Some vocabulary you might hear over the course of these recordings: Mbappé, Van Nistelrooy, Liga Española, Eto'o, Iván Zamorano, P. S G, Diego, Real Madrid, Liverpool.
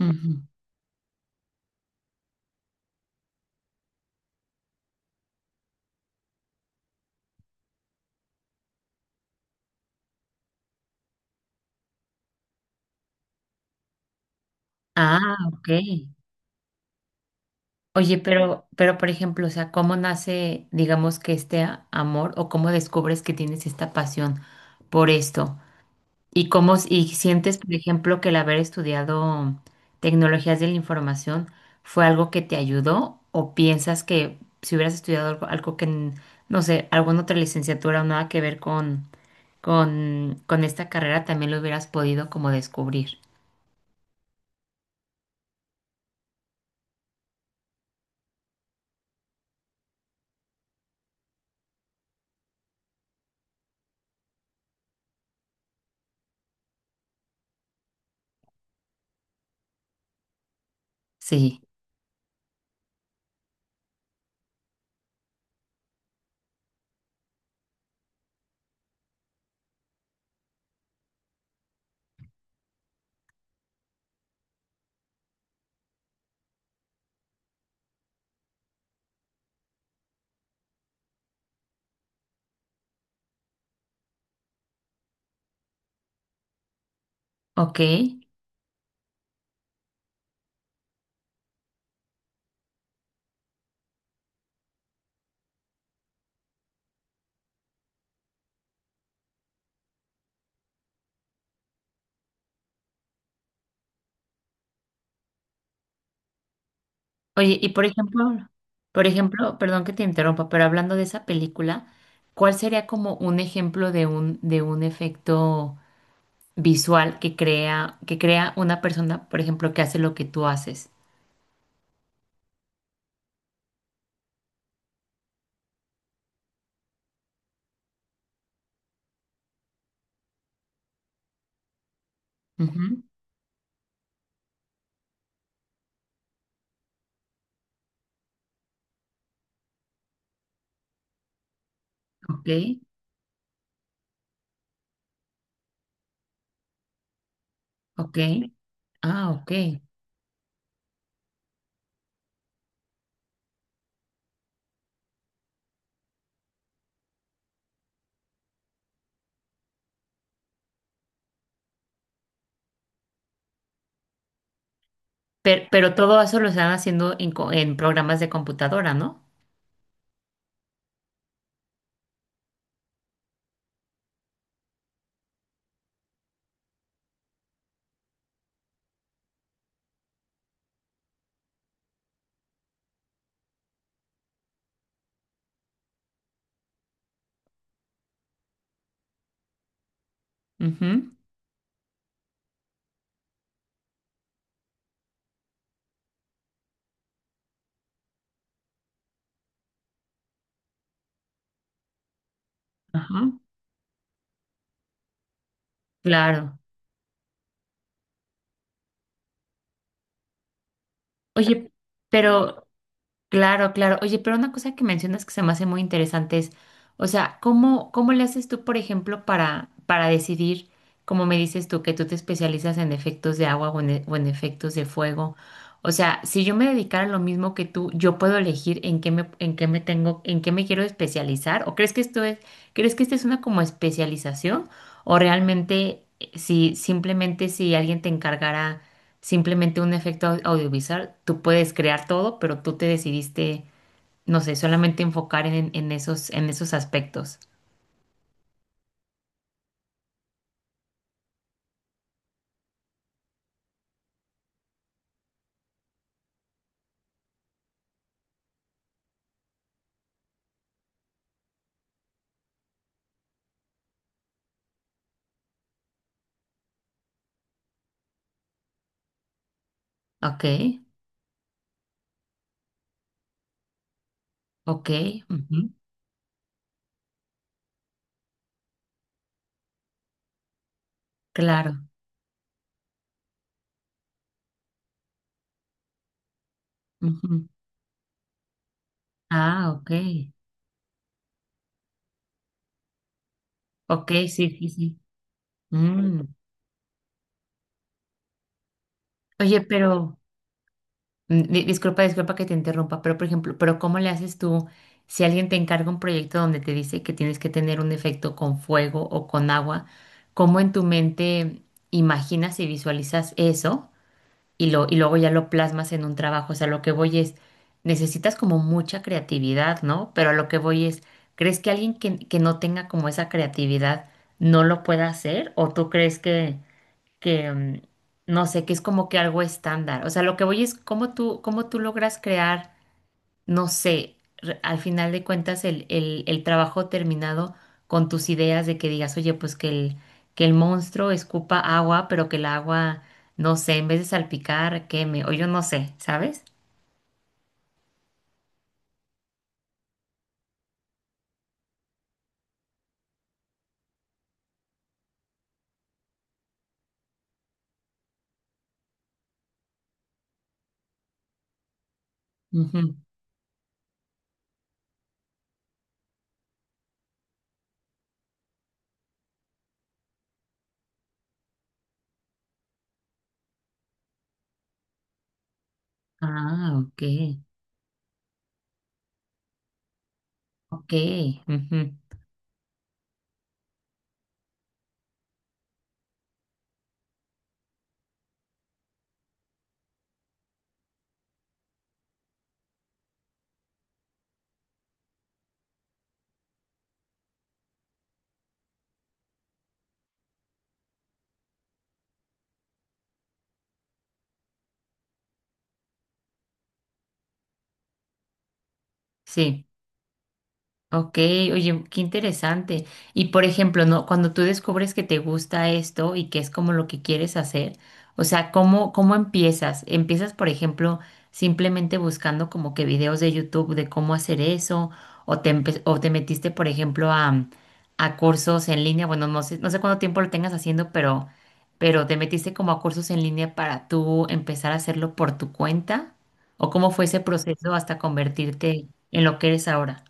Ujú. Ah, ok. Oye, pero por ejemplo, o sea, ¿cómo nace, digamos, que amor o cómo descubres que tienes esta pasión por esto? ¿Y cómo, y sientes, por ejemplo, que el haber estudiado tecnologías de la información fue algo que te ayudó? ¿O piensas que si hubieras estudiado algo que, no sé, alguna otra licenciatura o nada que ver con esta carrera, también lo hubieras podido como descubrir? Sí, ok. Oye, y por ejemplo, perdón que te interrumpa, pero hablando de esa película, ¿cuál sería como un ejemplo de un efecto visual que crea una persona, por ejemplo, que hace lo que tú haces? Ujú. Ok, ok, ah, ok. Pero todo eso lo están haciendo en programas de computadora, ¿no? Ujú. Ajá, claro. Oye, pero claro, claro. Oye, pero una cosa que mencionas que se me hace muy interesante es, o sea, ¿cómo, cómo le haces tú, por ejemplo, para decidir, como me dices tú, que tú te especializas en efectos de agua o en efectos de fuego? O sea, si yo me dedicara a lo mismo que tú, yo puedo elegir en qué me quiero especializar. ¿O crees que esto es, crees que esta es una como especialización? O realmente, si simplemente si alguien te encargara simplemente un audiovisual, tú puedes crear todo, pero tú te decidiste, no sé, solamente enfocar en esos, en esos aspectos. Ok, ok, ujú. Claro. Ujú. Ah, ok. Ok, sí, sí, sí. Mm. Oye, pero... Disculpa, disculpa que te interrumpa, pero por ejemplo, pero ¿cómo le haces tú si alguien te encarga un proyecto donde te dice que tienes que tener un efecto con fuego o con agua? ¿Cómo en tu mente imaginas y visualizas eso y lo y luego ya lo plasmas en un trabajo? O sea, lo que voy es, necesitas como mucha creatividad, ¿no? Pero a lo que voy es, ¿crees que alguien que no tenga como esa creatividad no lo pueda hacer? ¿O tú crees que que mm, no sé, que es como que algo estándar? O sea, lo que voy es cómo tú logras crear, no sé, al final de cuentas el trabajo terminado con tus ideas de que digas, oye, pues que el monstruo escupa agua, pero que el agua, no sé, en vez de salpicar, queme, o yo no sé, ¿sabes? Ujú. Ah, ok, ok, ujú. Sí. Ok, oye, qué interesante. Y por ejemplo, ¿no? Cuando tú descubres que te gusta esto y que es como lo que quieres hacer, o sea, ¿cómo, cómo empiezas? ¿Empiezas, por ejemplo, simplemente buscando como que videos de YouTube de cómo hacer eso? ¿O o te metiste, por ejemplo, a cursos en línea? Bueno, no sé, no sé cuánto tiempo lo tengas haciendo, pero ¿te metiste como a cursos en línea para tú empezar a hacerlo por tu cuenta? ¿O cómo fue ese proceso hasta convertirte en lo que eres ahora?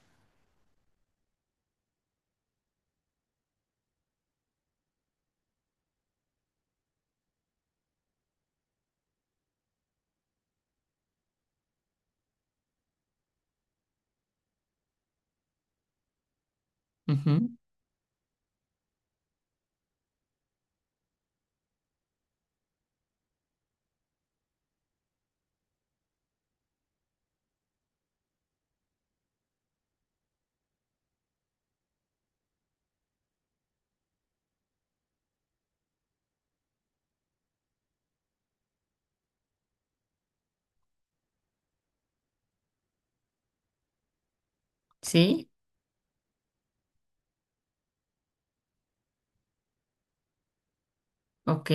Ujú. Sí, ok.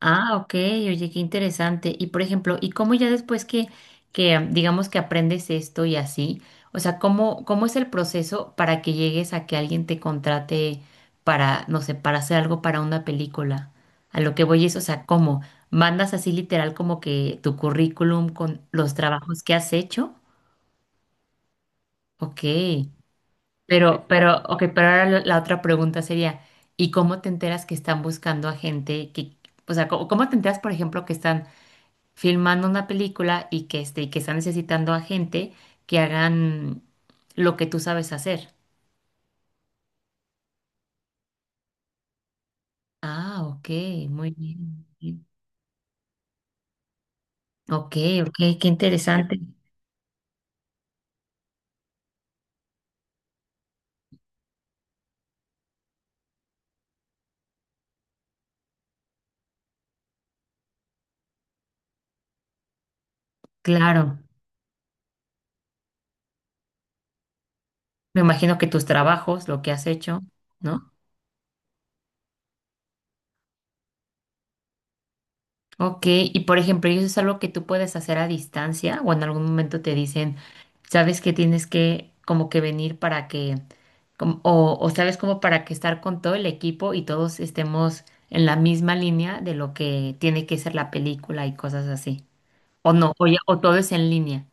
Ah, ok, oye, qué interesante. Y por ejemplo, ¿y cómo ya después que, digamos que aprendes esto y así? O sea, ¿cómo, cómo es el proceso para que llegues a que alguien te contrate para, no sé, para hacer algo para una película? A lo que voy es, o sea, ¿cómo? ¿Mandas así literal como que tu currículum con los trabajos que has hecho? Ok. Ok, pero ahora la otra pregunta sería, ¿y cómo te enteras que están buscando a gente que, o sea, cómo, cómo te enteras, por ejemplo, que están filmando una película y que, este, y que están necesitando a gente que hagan lo que tú sabes hacer? Ah, ok, muy bien. Bien. Ok, ok, qué interesante. Claro. Me imagino que tus trabajos, lo que has hecho, ¿no? Ok, y por ejemplo, ¿y eso es algo que tú puedes hacer a distancia o en algún momento te dicen, sabes que tienes que como que venir para que, o sabes como para que estar con todo el equipo y todos estemos en la misma línea de lo que tiene que ser la película y cosas así? O no, o todo es en línea.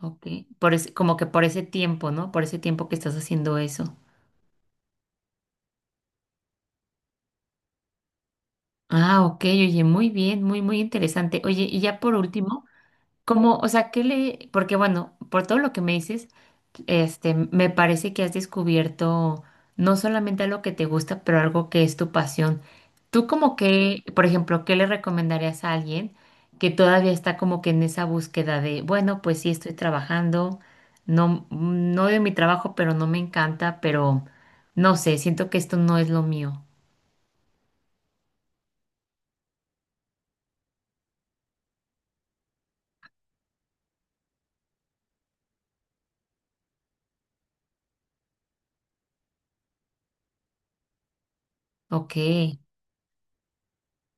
Ok, como que por ese tiempo, ¿no? Por ese tiempo que estás haciendo eso. Ah, ok, oye, muy bien, muy, muy interesante. Oye, y ya por último. Como, o sea, ¿qué le...? Porque bueno, por todo lo que me dices, este, me parece que has descubierto no solamente algo que te gusta, pero algo que es tu pasión. Tú como que, por ejemplo, ¿qué le recomendarías a alguien que todavía está como que en esa búsqueda de, bueno, pues sí estoy trabajando, no, no odio mi trabajo, pero no me encanta, pero no sé, siento que esto no es lo mío. Ok.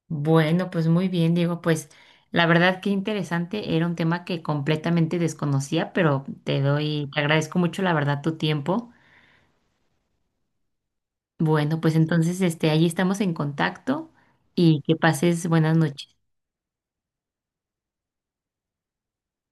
Bueno, pues muy bien, Diego. Pues la verdad que interesante. Era un tema que completamente desconocía, pero te doy, te agradezco mucho la verdad tu tiempo. Bueno, pues entonces este, ahí estamos en contacto y que pases buenas noches.